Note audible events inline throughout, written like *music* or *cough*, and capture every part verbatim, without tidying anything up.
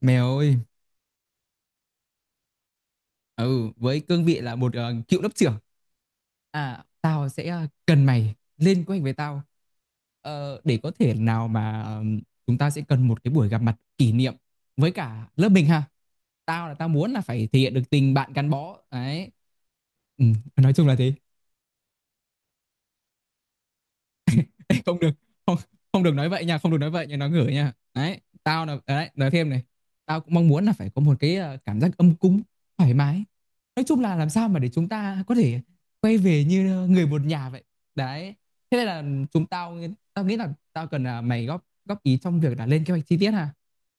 Mèo ơi, ừ, với cương vị là một ờ, cựu lớp trưởng. À, tao sẽ ờ, cần mày lên kế hoạch với tao. Ờ, để có thể nào mà ừm, chúng ta sẽ cần một cái buổi gặp mặt kỷ niệm với cả lớp mình ha. Tao là tao muốn là phải thể hiện được tình bạn gắn bó. Đấy. Ừ, nói chung là thế. *laughs* Ê, không được, không không được nói vậy nha, không được nói vậy nha, nó ngửi nha. Đấy, tao là à, đấy nói thêm này. Tao cũng mong muốn là phải có một cái ờ, cảm giác ấm cúng, thoải mái. Nói chung là làm sao mà để chúng ta có thể quay về như người một nhà vậy. Đấy. Thế nên là chúng tao tao nghĩ là tao cần là mày góp góp ý trong việc là lên kế hoạch chi tiết ha,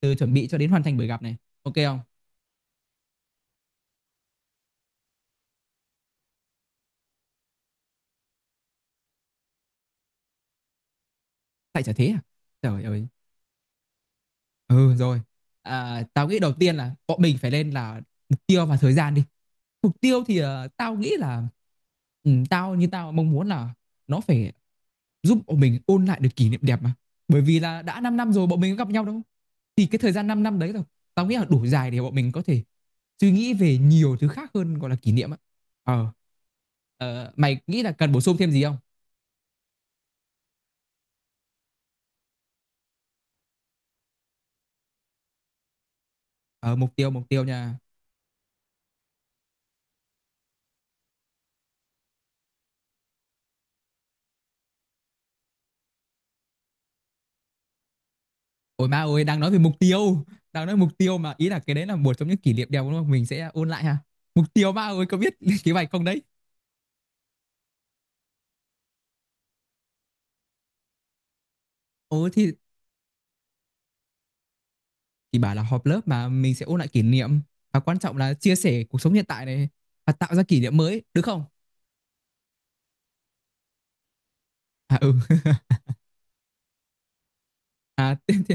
từ chuẩn bị cho đến hoàn thành buổi gặp này. Ok không? Tại chả thế à? Trời ơi. Ừ rồi. À, tao nghĩ đầu tiên là bọn mình phải lên là mục tiêu và thời gian đi. Mục tiêu thì ờ, tao nghĩ là ừ, tao như tao mong muốn là nó phải giúp bọn mình ôn lại được kỷ niệm đẹp mà, bởi vì là đã năm năm rồi bọn mình có gặp nhau đâu. Thì cái thời gian năm năm đấy rồi, tao nghĩ là đủ dài để bọn mình có thể suy nghĩ về nhiều thứ khác hơn gọi là kỷ niệm á. ờ Ờ, mày nghĩ là cần bổ sung thêm gì không? ờ Mục tiêu mục tiêu nha. Ôi ma ơi, đang nói về mục tiêu, đang nói mục tiêu mà, ý là cái đấy là một trong những kỷ niệm đẹp đúng không, mình sẽ ôn lại ha. Mục tiêu ma ơi có biết *laughs* kế hoạch không đấy. Ồ thì thì bảo là họp lớp mà mình sẽ ôn lại kỷ niệm, và quan trọng là chia sẻ cuộc sống hiện tại này, và tạo ra kỷ niệm mới được không? À, ừ. *laughs* À, tiếp tiếp.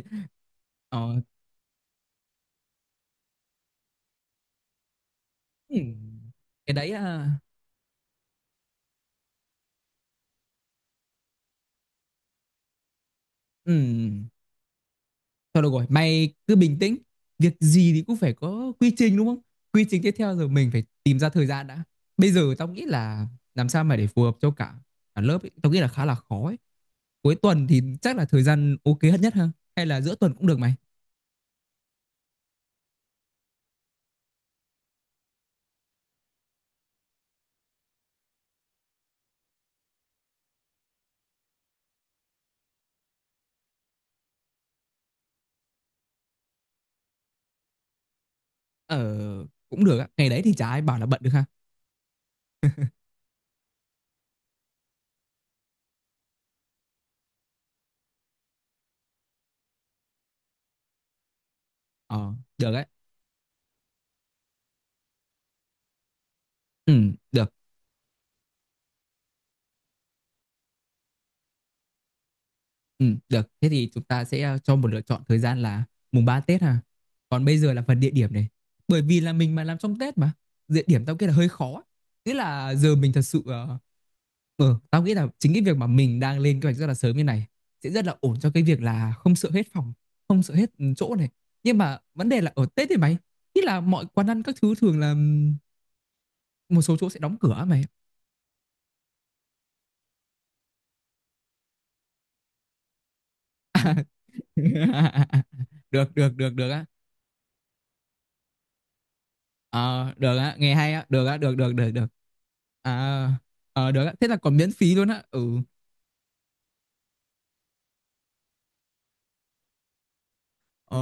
ờ ừm, cái đấy à, ừ. Thôi được rồi mày cứ bình tĩnh, việc gì thì cũng phải có quy trình đúng không. Quy trình tiếp theo rồi mình phải tìm ra thời gian đã. Bây giờ tao nghĩ là làm sao mà để phù hợp cho cả cả lớp ấy, tao nghĩ là khá là khó ấy. Cuối tuần thì chắc là thời gian ok hết nhất ha, hay là giữa tuần cũng được mày? ờ Cũng được á, ngày đấy thì chả ai bảo là bận được ha. Ờ, được đấy. Ừ, được. Ừ, được. Thế thì chúng ta sẽ ờ, cho một lựa chọn thời gian là mùng ba Tết ha. Còn bây giờ là phần địa điểm này. Bởi vì là mình mà làm trong Tết mà. Địa điểm tao nghĩ là hơi khó. Thế là giờ mình thật sự ờ ờ, tao nghĩ là chính cái việc mà mình đang lên kế hoạch rất là sớm như này sẽ rất là ổn cho cái việc là không sợ hết phòng, không sợ hết ừ, chỗ này. Nhưng mà vấn đề là ở Tết thì mày, ý là mọi quán ăn các thứ thường là ừm, một số chỗ sẽ đóng cửa á mày. *laughs* Được, được, được, được á. Ờ, được á, nghe hay á, được á, được được được được. À, ờ, được á, thế là còn miễn phí luôn á. Ừ. Ờ,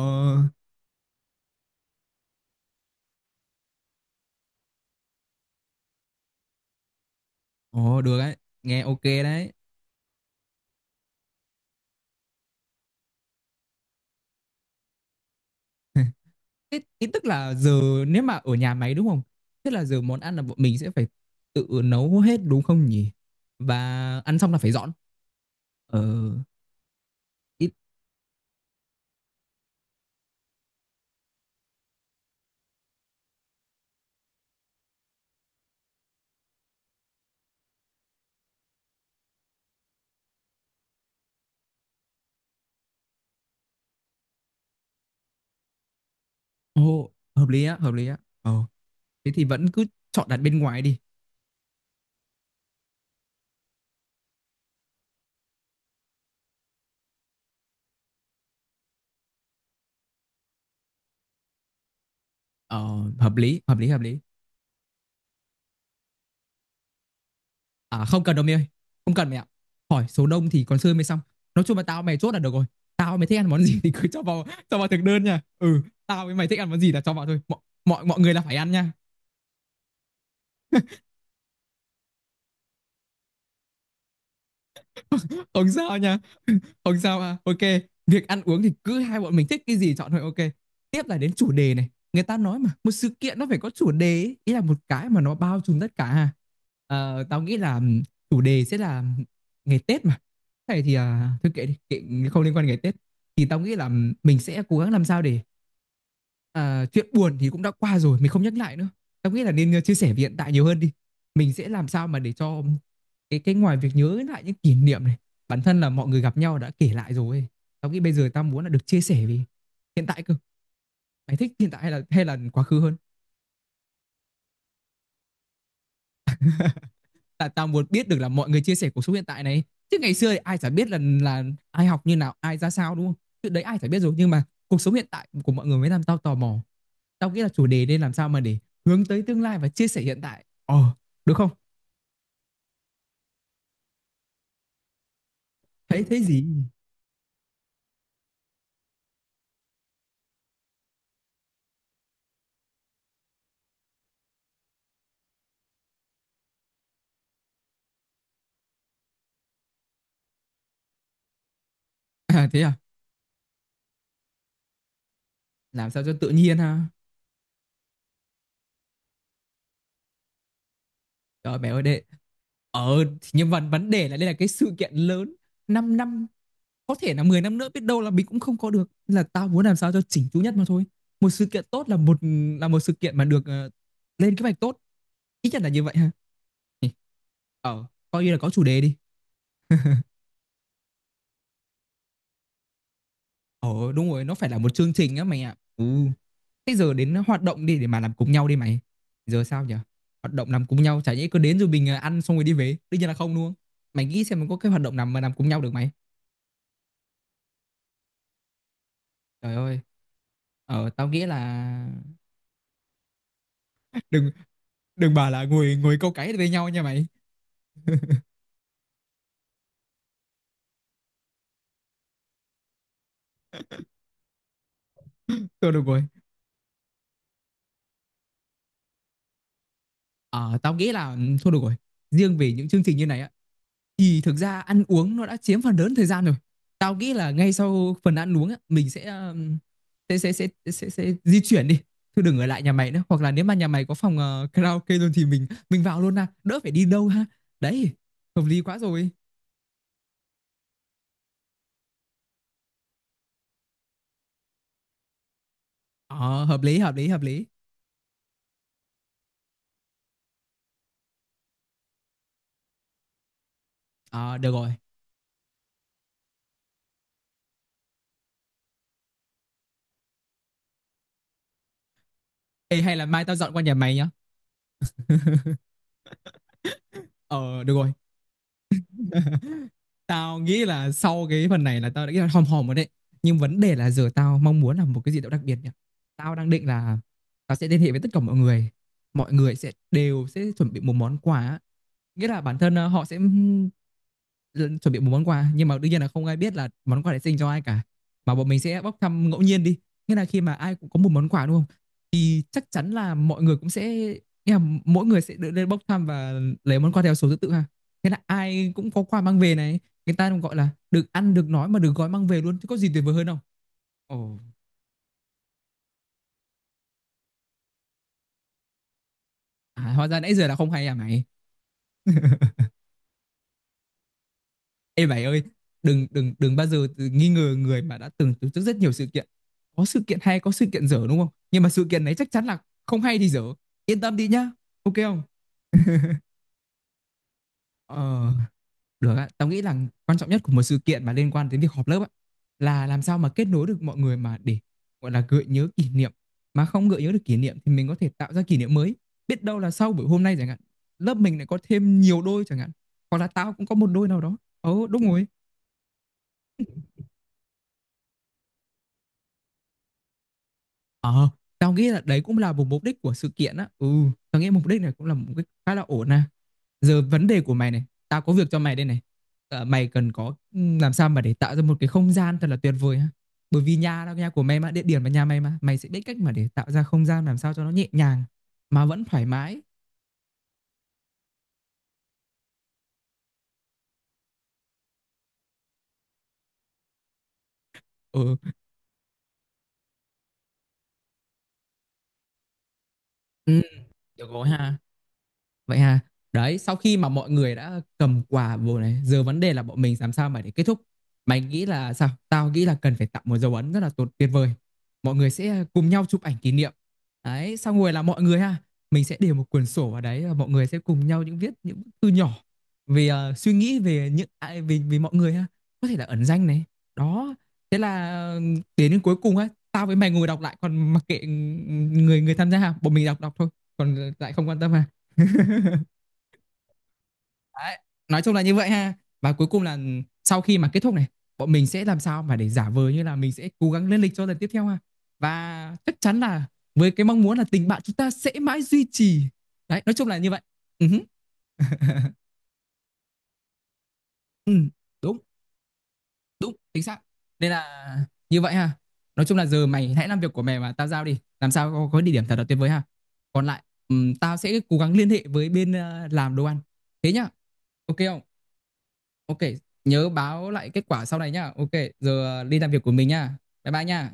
ồ Được á, nghe ok đấy. Thế ý tức là giờ nếu mà ở nhà máy đúng không? Thế là giờ món ăn là bọn mình sẽ phải tự nấu hết đúng không nhỉ? Và ăn xong là phải dọn. Ờ, Ít, ồ, hợp lý á, hợp lý á. Ờ, Thế thì vẫn cứ chọn đặt bên ngoài đi. Ờ, hợp lý, hợp lý, hợp lý. À không cần đâu mày ơi. Không cần mày ạ. Hỏi số đông thì còn chơi mới xong. Nói chung là tao mày chốt là được rồi. Tao mày thích ăn món gì thì cứ cho vào. Cho vào thực đơn nha. Ừ. Tao với mày thích ăn món gì là cho vào thôi. Mọi, mọi, mọi người là phải ăn nha. *laughs* Không sao nha. Không sao à. Ok. Việc ăn uống thì cứ hai bọn mình thích cái gì chọn thôi. Ok. Tiếp là đến chủ đề này. Người ta nói mà một sự kiện nó phải có chủ đề ấy. Ý là một cái mà nó bao trùm tất cả. Ờ, tao nghĩ là chủ đề sẽ là ngày Tết mà. Thế này thì à, thôi kệ đi, kệ không liên quan ngày Tết. Thì tao nghĩ là mình sẽ cố gắng làm sao để à, chuyện buồn thì cũng đã qua rồi, mình không nhắc lại nữa. Tao nghĩ là nên ờ, chia sẻ về hiện tại nhiều hơn đi. Mình sẽ làm sao mà để cho cái cái ngoài việc nhớ lại những kỷ niệm này, bản thân là mọi người gặp nhau đã kể lại rồi ấy. Tao nghĩ bây giờ tao muốn là được chia sẻ về hiện tại cơ. Mày thích hiện tại hay là hay là quá khứ hơn? Tại tao muốn biết được là mọi người chia sẻ cuộc sống hiện tại này. Chứ ngày xưa thì ai chả biết là là ai học như nào, ai ra sao đúng không? Chuyện đấy ai chả biết rồi nhưng mà cuộc sống hiện tại của mọi người mới làm tao tò mò. Tao nghĩ là chủ đề nên làm sao mà để hướng tới tương lai và chia sẻ hiện tại. Ờ, được không? Thấy thấy gì? À thế à? Làm sao cho tự nhiên ha? Trời mẹ ơi đệ. Ờ thì nhưng mà vấn đề là đây là cái sự kiện lớn, 5 năm, có thể là mười năm nữa biết đâu là mình cũng không có được. Nên là tao muốn làm sao cho chỉnh chu nhất mà thôi. Một sự kiện tốt là một, là một sự kiện mà được ờ, lên kế hoạch tốt, ít nhất là như vậy ha. Ừ. ờ Coi như là có chủ đề đi. ờ Đúng rồi nó phải là một chương trình á mày ạ. Ừ. Thế giờ đến hoạt động đi để mà làm cùng nhau đi mày, giờ sao nhỉ? Hoạt động làm cùng nhau chả nhẽ cứ đến rồi mình ờ, ăn xong rồi đi về đương nhiên là không đúng không. Mày nghĩ xem mình có cái hoạt động nào mà làm cùng nhau được mày. Trời ơi, ờ tao nghĩ là đừng đừng bảo là ngồi ngồi câu cái với nhau nha mày. Thôi được rồi. Ờ tao nghĩ là ừ, thôi được rồi. Riêng về những chương trình như này á thì thực ra ăn uống nó đã chiếm phần lớn thời gian rồi. Tao nghĩ là ngay sau phần ăn uống á mình sẽ ừm, sẽ sẽ sẽ sẽ, sẽ di chuyển đi. Thôi đừng ở lại nhà mày nữa hoặc là nếu mà nhà mày có phòng ờ, karaoke luôn thì mình mình vào luôn ha, đỡ phải đi đâu ha. Đấy, hợp lý quá rồi. Ờ hợp lý, hợp lý, hợp lý. Ờ được rồi. Ê, hay là mai tao dọn qua nhà mày nhá. Ờ được rồi. *laughs* Tao nghĩ là sau cái phần này là tao đã nghĩ là hòm hòm rồi đấy. Nhưng vấn đề là giờ tao mong muốn là một cái gì đó đặc biệt nhỉ. Tao đang định là tao sẽ liên hệ với tất cả mọi người. Mọi người sẽ đều sẽ chuẩn bị một món quà, nghĩa là bản thân ờ, họ sẽ chuẩn bị một món quà nhưng mà đương nhiên là không ai biết là món quà để dành cho ai cả, mà bọn mình sẽ bốc thăm ngẫu nhiên đi. Nghĩa là khi mà ai cũng có một món quà đúng không thì chắc chắn là mọi người cũng sẽ, nghĩa là mỗi người sẽ được lên bốc thăm và lấy món quà theo số thứ tự ha. Thế là ai cũng có quà mang về này, người ta cũng gọi là được ăn được nói mà được gói mang về luôn, chứ có gì tuyệt vời hơn không. Ồ. À, hóa ra nãy giờ là không hay à mày. *laughs* Ê mày ơi, đừng đừng đừng bao giờ tự nghi ngờ người mà đã từng tổ chức rất nhiều sự kiện. Có sự kiện hay, có sự kiện dở đúng không? Nhưng mà sự kiện này chắc chắn là không hay thì dở. Yên tâm đi nhá. Ok không? Ờ, được ạ. Tao nghĩ là quan trọng nhất của một sự kiện mà liên quan đến việc họp lớp ạ, là làm sao mà kết nối được mọi người mà để gọi là gợi nhớ kỷ niệm. Mà không gợi nhớ được kỷ niệm thì mình có thể tạo ra kỷ niệm mới. Biết đâu là sau buổi hôm nay chẳng hạn, lớp mình lại có thêm nhiều đôi chẳng hạn. Hoặc là tao cũng có một đôi nào đó. Ồ, đúng rồi. Ờ, tao nghĩ là đấy cũng là một mục đích của sự kiện á. Ừ, tao nghĩ mục đích này cũng là một mục đích khá là ổn à. Giờ vấn đề của mày này, tao có việc cho mày đây này. Ờ, mày cần có ừm, làm sao mà để tạo ra một cái không gian thật là tuyệt vời ha. Bởi vì nhà đâu nhà của mày mà, địa điểm là nhà mày mà, mày sẽ biết cách mà để tạo ra không gian làm sao cho nó nhẹ nhàng mà vẫn thoải mái. Ừ, ừ, được rồi ha. Vậy ha. Đấy, sau khi mà mọi người đã cầm quà vô này, giờ vấn đề là bọn mình làm sao mà để kết thúc. Mày nghĩ là sao? Tao nghĩ là cần phải tạo một dấu ấn rất là tốt tuyệt vời. Mọi người sẽ cùng nhau chụp ảnh kỷ niệm. Đấy, xong rồi là mọi người ha, mình sẽ để một quyển sổ vào đấy và mọi người sẽ cùng nhau những viết những bức thư nhỏ về ờ, suy nghĩ về những ai về về mọi người ha. Có thể là ẩn danh này. Đó. Thế là ừ, đến đến cuối cùng á, tao với mày ngồi đọc lại còn mặc kệ ừ, người người tham gia ha, bọn mình đọc đọc thôi, còn lại không quan tâm ha. *laughs* Đấy, nói chung là như vậy ha. Và cuối cùng là sau khi mà kết thúc này, bọn mình sẽ làm sao mà để giả vờ như là mình sẽ cố gắng lên lịch cho lần tiếp theo ha. Và chắc chắn là với cái mong muốn là tình bạn chúng ta sẽ mãi duy trì. Đấy, nói chung là như vậy. Ừ, *laughs* ừ, đúng, đúng, chính xác. Nên là như vậy ha. Nói chung là giờ mày hãy làm việc của mày mà tao giao đi. Làm sao có, có địa điểm thật là tuyệt vời ha. Còn lại, ừm, tao sẽ cố gắng liên hệ với bên ờ, làm đồ ăn. Thế nhá. Ok không? Ok, nhớ báo lại kết quả sau này nhá. Ok, giờ đi làm việc của mình nhá. Bye bye nhá.